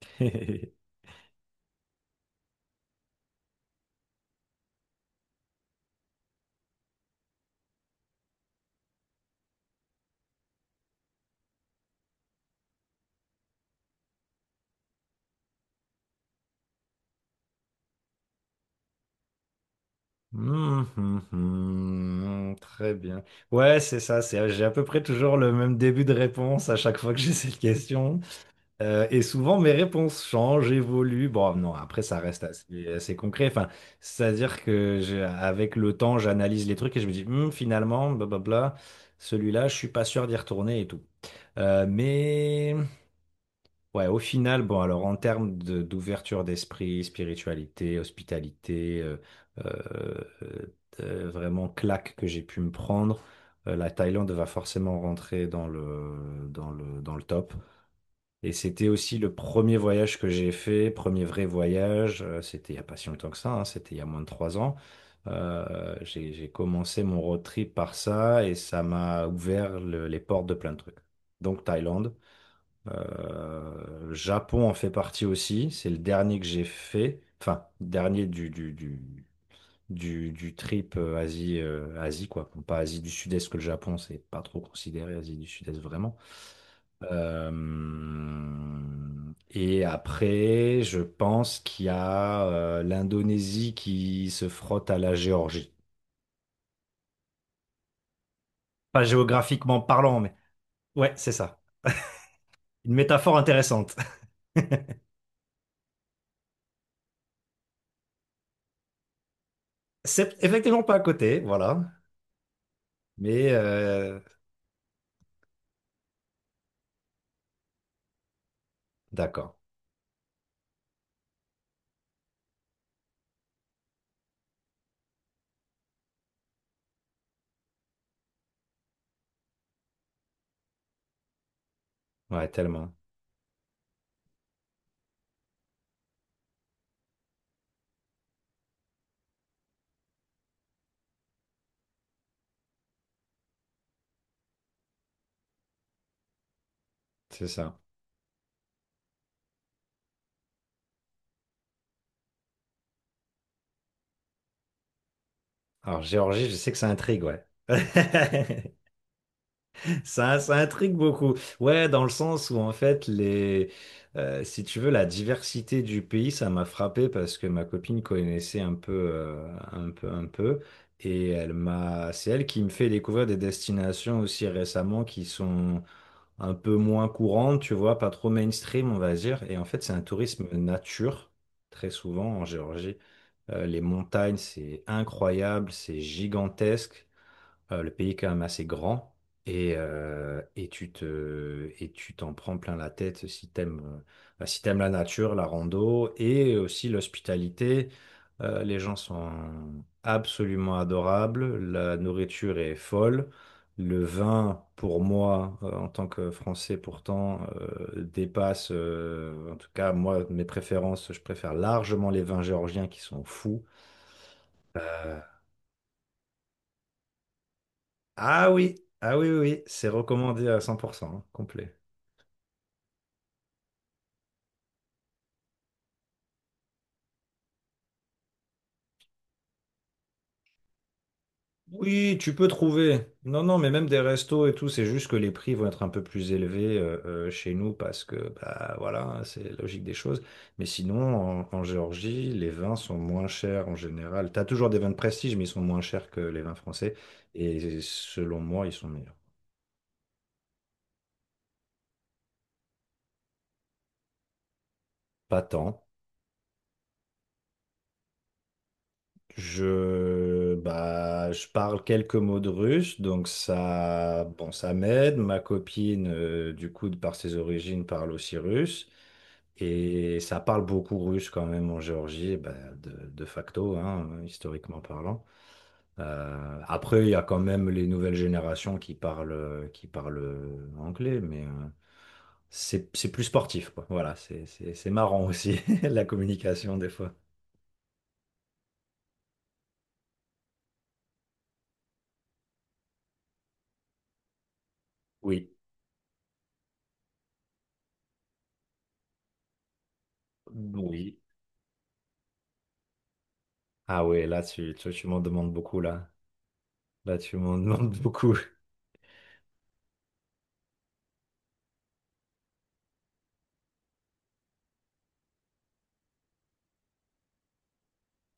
Hmm, hmm, hmm. Très bien. Ouais, c'est ça. J'ai à peu près toujours le même début de réponse à chaque fois que j'ai cette question. Et souvent, mes réponses changent, évoluent. Bon, non, après, ça reste assez concret. Enfin, c'est-à-dire que avec le temps, j'analyse les trucs et je me dis, hmm, finalement, blablabla, celui-là, je suis pas sûr d'y retourner et tout. Mais ouais, au final, bon, alors en termes d'ouverture d'esprit, spiritualité, hospitalité, euh, vraiment claque que j'ai pu me prendre, la Thaïlande va forcément rentrer dans le top. Et c'était aussi le premier voyage que j'ai fait, premier vrai voyage, c'était il n'y a pas si longtemps que ça, hein, c'était il y a moins de trois ans. J'ai commencé mon road trip par ça et ça m'a ouvert les portes de plein de trucs. Donc Thaïlande. Japon en fait partie aussi. C'est le dernier que j'ai fait. Enfin, dernier du trip Asie, Asie, quoi. Bon, pas Asie du Sud-Est, que le Japon, c'est pas trop considéré Asie du Sud-Est vraiment. Euh, et après, je pense qu'il y a l'Indonésie qui se frotte à la Géorgie. Pas géographiquement parlant, mais ouais, c'est ça. Une métaphore intéressante. C'est effectivement pas à côté, voilà. Mais euh, d'accord. Ouais, tellement. C'est ça. Alors, Géorgie, je sais que ça intrigue, ouais. Ça intrigue beaucoup. Ouais, dans le sens où, en fait, si tu veux, la diversité du pays, ça m'a frappé parce que ma copine connaissait un peu. Et c'est elle qui me fait découvrir des destinations aussi récemment qui sont un peu moins courante, tu vois, pas trop mainstream, on va dire. Et en fait, c'est un tourisme nature, très souvent en Géorgie. Les montagnes, c'est incroyable, c'est gigantesque. Le pays est quand même assez grand et, et tu t'en prends plein la tête si si t'aimes la nature, la rando et aussi l'hospitalité. Les gens sont absolument adorables, la nourriture est folle. Le vin, pour moi, en tant que Français, pourtant, dépasse, en tout cas, moi, mes préférences, je préfère largement les vins géorgiens qui sont fous. Euh, Ah oui, ah oui. C'est recommandé à 100%, hein, complet. Oui, tu peux trouver. Non, non, mais même des restos et tout, c'est juste que les prix vont être un peu plus élevés chez nous parce que, bah voilà, hein, c'est la logique des choses. Mais sinon, en Géorgie, les vins sont moins chers en général. T'as toujours des vins de prestige, mais ils sont moins chers que les vins français. Et selon moi, ils sont meilleurs. Pas tant. Je parle quelques mots de russe, donc ça, bon, ça m'aide. Ma copine, du coup, de par ses origines, parle aussi russe. Et ça parle beaucoup russe quand même en Géorgie, bah, de facto, hein, historiquement parlant. Après, il y a quand même les nouvelles générations qui parlent anglais, mais c'est plus sportif, quoi. Voilà, c'est marrant aussi, la communication des fois. Oui, oui. Ah ouais, là, tu m'en demandes beaucoup, là. Là, tu m'en demandes beaucoup.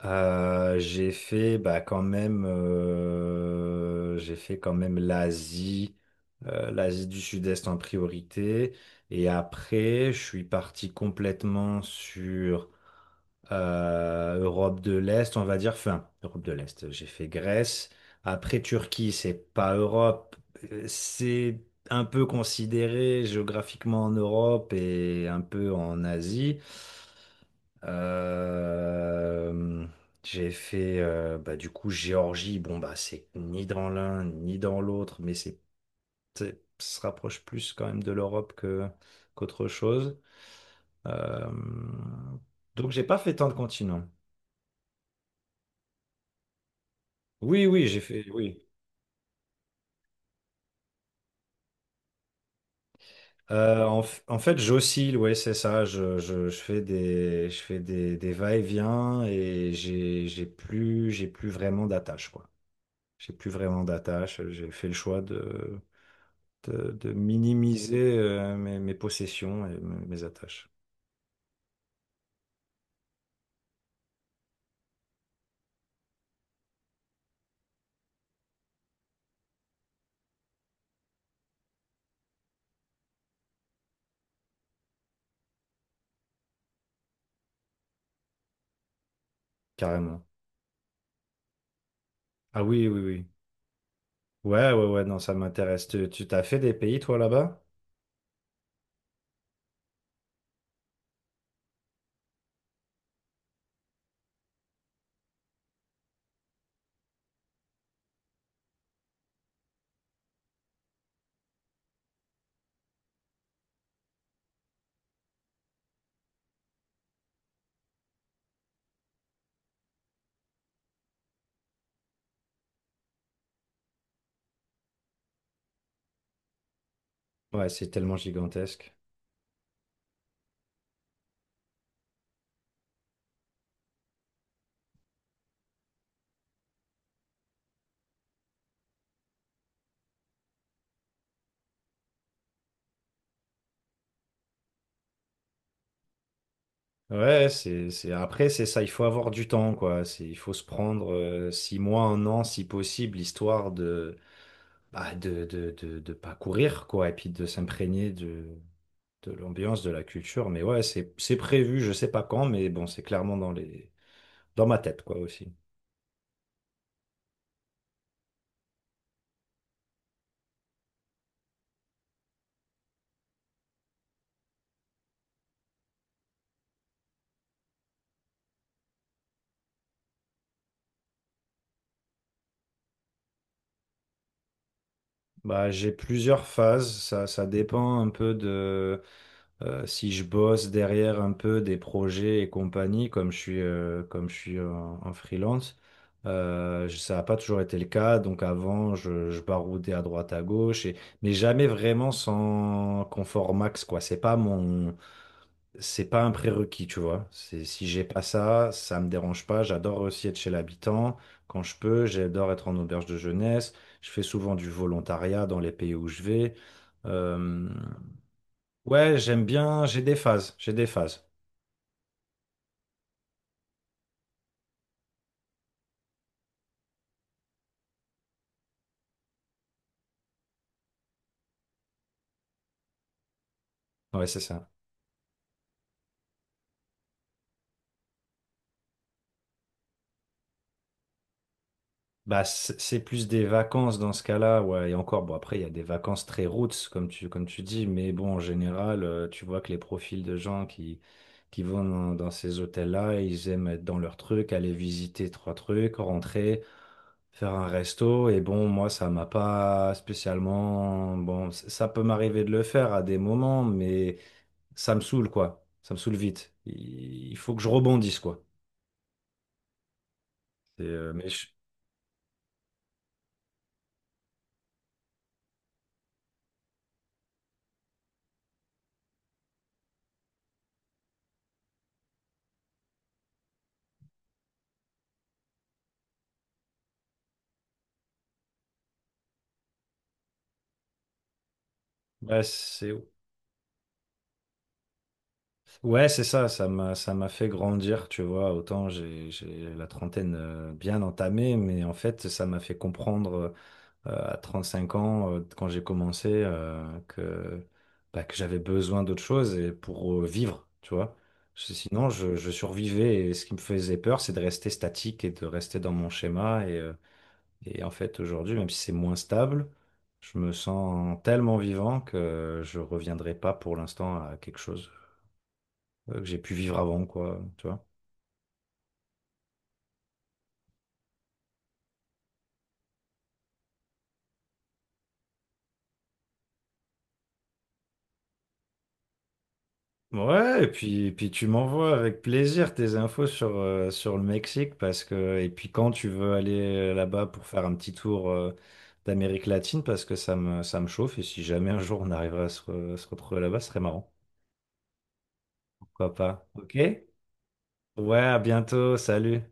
J'ai fait bah, quand même, j'ai fait quand même l'Asie, l'Asie du Sud-Est en priorité. Et après, je suis parti complètement sur Europe de l'Est, on va dire, enfin, Europe de l'Est, j'ai fait Grèce. Après, Turquie, c'est pas Europe, c'est un peu considéré géographiquement en Europe et un peu en Asie. Euh, j'ai fait, du coup, Géorgie, bon, bah, c'est ni dans l'un ni dans l'autre, mais se rapproche plus quand même de l'Europe que qu'autre chose. Euh, donc j'ai pas fait tant de continents. Oui, oui, j'ai fait, oui. En fait, j'oscille, ouais, c'est ça. Je fais des, des va-et-vient et j'ai plus vraiment d'attache, quoi. J'ai plus vraiment d'attache. J'ai fait le choix de minimiser mes, mes possessions et mes attaches, carrément. Ah oui, oui, oui. Ouais, ouais, ouais, non, ça m'intéresse. Tu t'as fait des pays, toi, là-bas? Ouais, c'est tellement gigantesque. Ouais, c'est... Après, c'est ça, il faut avoir du temps, quoi. C'est, il faut se prendre six mois, un an, si possible, histoire de, de pas courir, quoi, et puis de s'imprégner de l'ambiance, de la culture. Mais ouais, c'est prévu, je sais pas quand, mais bon, c'est clairement dans ma tête, quoi, aussi. Bah, j'ai plusieurs phases, ça dépend un peu de... Si je bosse derrière un peu des projets et compagnie, comme je suis en freelance, ça n'a pas toujours été le cas. Donc avant, je baroudais à droite, à gauche, et, mais jamais vraiment sans confort max, quoi. C'est pas un prérequis, tu vois. C'est, si j'ai pas ça, ça me dérange pas. J'adore aussi être chez l'habitant quand je peux. J'adore être en auberge de jeunesse. Je fais souvent du volontariat dans les pays où je vais. Euh, Ouais, j'aime bien, j'ai des phases. Ouais, c'est ça. Bah, c'est plus des vacances dans ce cas-là, ouais, et encore, bon, après, il y a des vacances très roots, comme tu dis, mais bon, en général, tu vois que les profils de qui vont dans ces hôtels-là, ils aiment être dans leur truc, aller visiter trois trucs, rentrer, faire un resto, et bon, moi, ça m'a pas spécialement, bon, ça peut m'arriver de le faire à des moments, mais ça me saoule, quoi, ça me saoule vite. Il faut que je rebondisse, quoi. Et, euh, mais je, Ouais, c'est ouais, c'est ça, ça m'a fait grandir, tu vois. Autant j'ai la trentaine bien entamée, mais en fait, ça m'a fait comprendre à cinq ans quand j'ai commencé que bah, que j'avais besoin d'autre chose et pour vivre, tu vois. Parce que sinon, je survivais et ce qui me faisait peur, c'est de rester statique et de rester dans mon schéma et en fait, aujourd'hui, même si c'est moins stable, je me sens tellement vivant que je reviendrai pas pour l'instant à quelque chose. Que j'ai pu vivre avant, quoi, tu vois. Ouais, et puis tu m'envoies avec plaisir tes infos sur, sur le Mexique, parce que, et puis quand tu veux aller là-bas pour faire un petit tour d'Amérique latine, parce que ça me chauffe, et si jamais un jour on arriverait à se retrouver là-bas, ce serait marrant. Pourquoi pas? Ok? Ouais, à bientôt, salut!